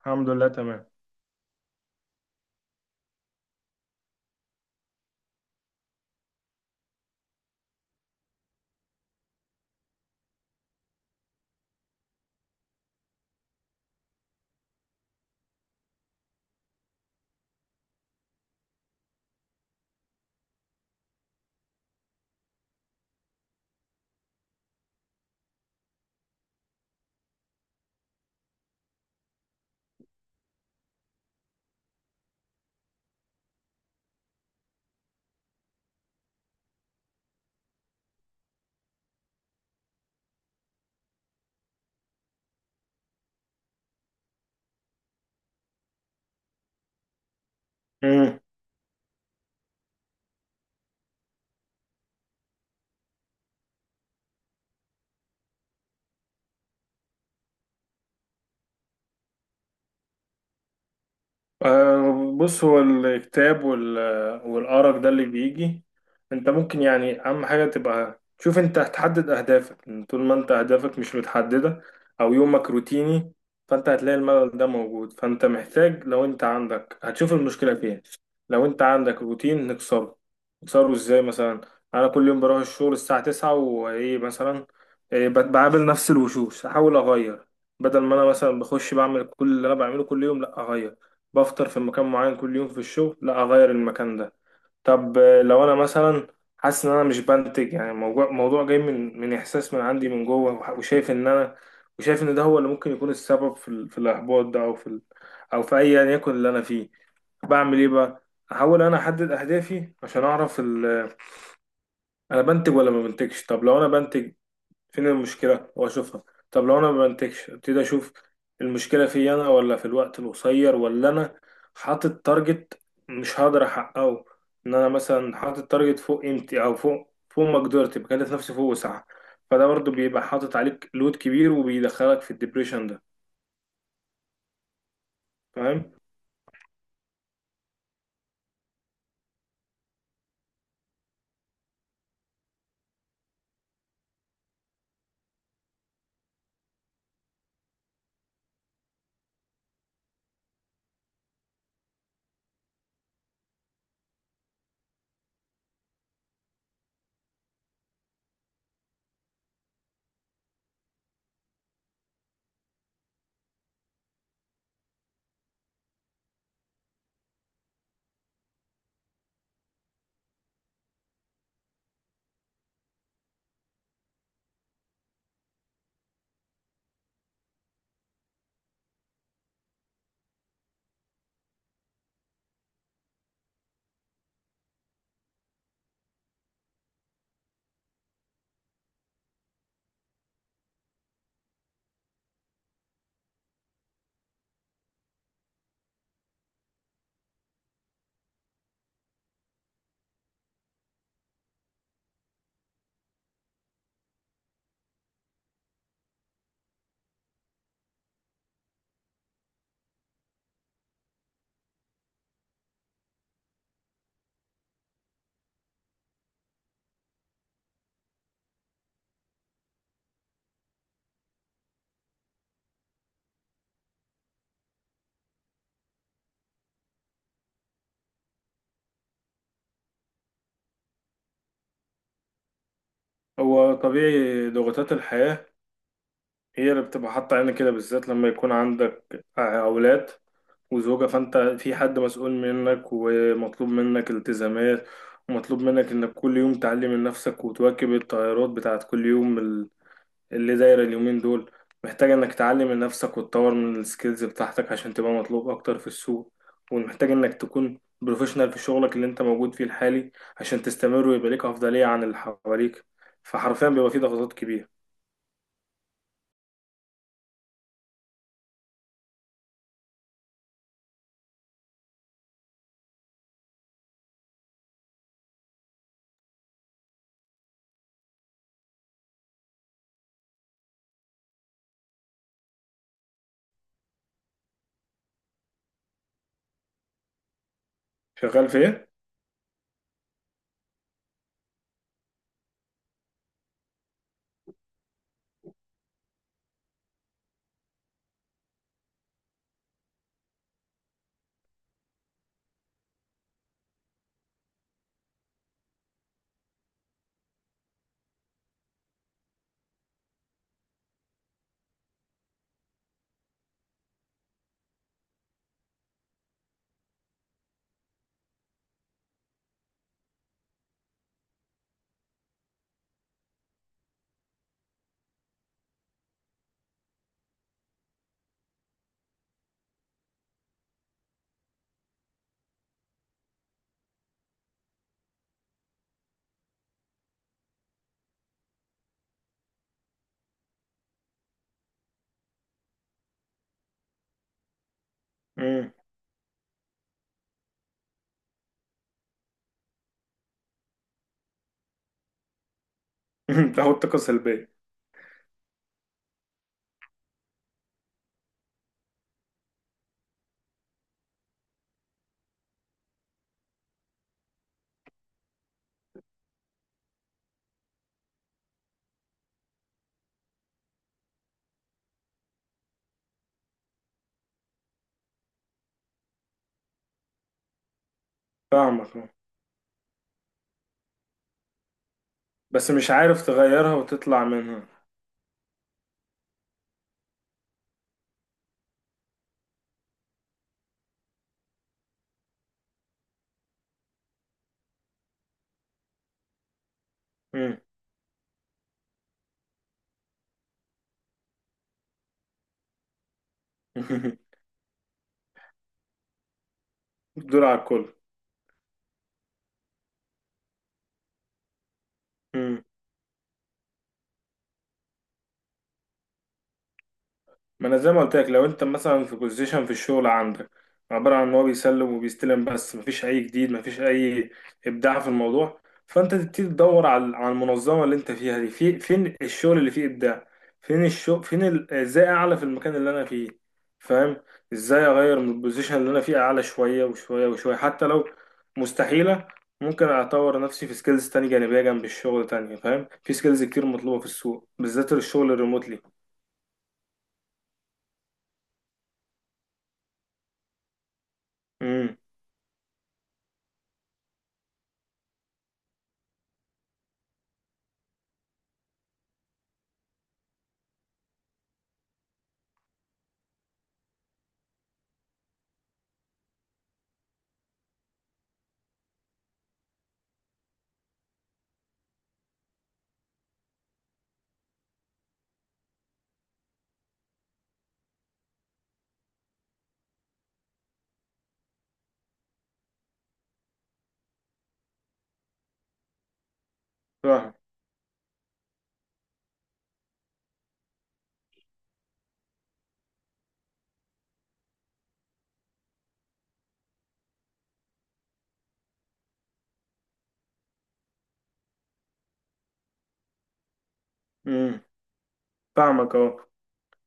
الحمد لله تمام. مم. آه، بص هو الكتاب والأرق ده اللي بيجي. انت ممكن يعني اهم حاجة تبقى شوف، انت هتحدد اهدافك. طول ما انت اهدافك مش متحددة او يومك روتيني، فانت هتلاقي الملل ده موجود. فانت محتاج، لو انت عندك هتشوف المشكلة فين. لو انت عندك روتين نكسره. نكسره ازاي مثلا؟ انا كل يوم بروح الشغل الساعة تسعة وايه مثلا، إيه بقابل نفس الوشوش، احاول اغير. بدل ما انا مثلا بخش بعمل كل اللي انا بعمله كل يوم، لا اغير. بفطر في مكان معين كل يوم في الشغل، لا اغير المكان ده. طب آه، لو انا مثلا حاسس ان انا مش بنتج، يعني موضوع جاي من احساس من عندي من جوه، وشايف ان انا، وشايف ان ده هو اللي ممكن يكون السبب في الاحباط ده، او في ايا يكن اللي انا فيه. بعمل ايه بقى؟ احاول انا احدد اهدافي عشان اعرف انا بنتج ولا ما بنتجش. طب لو انا بنتج، فين المشكلة واشوفها. طب لو انا ما بنتجش، ابتدي اشوف المشكلة في انا ولا في الوقت القصير، ولا انا حاطط تارجت مش هقدر احققه. ان انا مثلا حاطط تارجت فوق قيمتي او فوق مقدرتي، بكلف نفسي فوق وسعها. فده برضه بيبقى حاطط عليك لود كبير، وبيدخلك في الدبريشن ده. فاهم. هو طبيعي ضغوطات الحياة هي اللي بتبقى حاطة علينا كده، بالذات لما يكون عندك أولاد وزوجة، فأنت في حد مسؤول منك ومطلوب منك التزامات، ومطلوب منك إنك كل يوم تعلم من نفسك وتواكب التغيرات بتاعت كل يوم، اللي دايرة اليومين دول. محتاج إنك تعلم من نفسك وتطور من السكيلز بتاعتك عشان تبقى مطلوب أكتر في السوق، ومحتاج إنك تكون بروفيشنال في شغلك اللي أنت موجود فيه الحالي، عشان تستمر ويبقى ليك أفضلية عن اللي حواليك. فحرفيا بيبقى فيه ضغوطات كبيرة. شغال في إيه؟ مم. تاخد طاقة سلبية. فاهمك، بس مش عارف تغيرها وتطلع منها. مم. دول على الكل. مم. ما انا زي ما قلت لك، لو انت مثلا في بوزيشن في الشغل عندك عباره عن ان هو بيسلم وبيستلم، بس مفيش اي جديد، مفيش اي ابداع في الموضوع، فانت تبتدي تدور على المنظمه اللي انت فيها دي. في فين الشغل اللي فيه ابداع، فين الشغل، ازاي اعلى في المكان اللي انا فيه؟ فاهم. ازاي اغير من البوزيشن اللي انا فيه، اعلى شويه وشويه وشويه. حتى لو مستحيله، ممكن اطور نفسي في سكيلز تانية جانبيه جنب الشغل تانية، فاهم. في سكيلز كتير مطلوبه في السوق بالذات الشغل الريموتلي. امم. امم، فاهمك اه.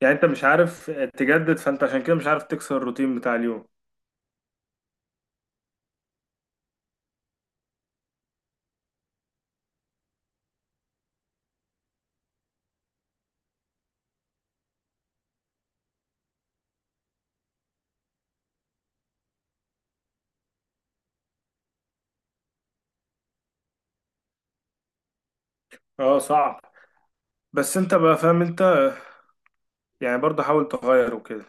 يعني انت مش عارف تجدد، فانت عشان كده مش عارف تكسر الروتين بتاع اليوم. اه صعب. بس انت بقى فاهم انت، يعني برضه حاول تغير وكده.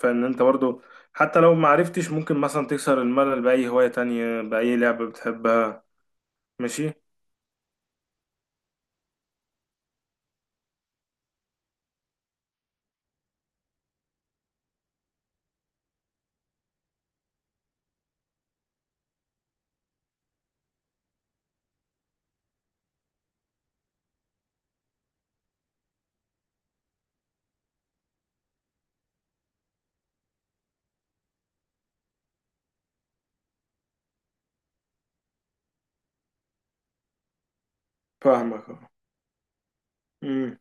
فان انت برضه حتى لو ما عرفتش، ممكن مثلا تكسر الملل بأي هواية تانية، بأي لعبة بتحبها. ماشي. فاهمك اه. امم.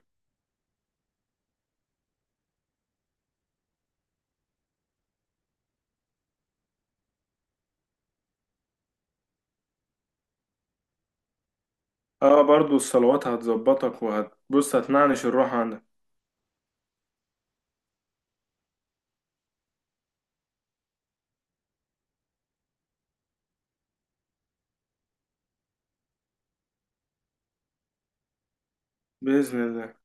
اه برضه الصلوات هتظبطك، وهتبص هتنعنش الروح عندك. بإذن الله.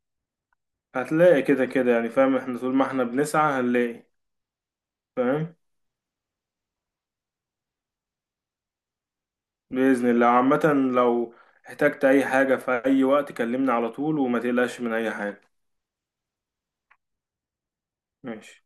هتلاقي كده كده يعني، فاهم، احنا طول ما احنا بنسعى هنلاقي. فاهم. بإذن الله عامة، لو احتجت أي حاجة في أي وقت كلمني على طول، وما تقلقش من أي حاجة. ماشي.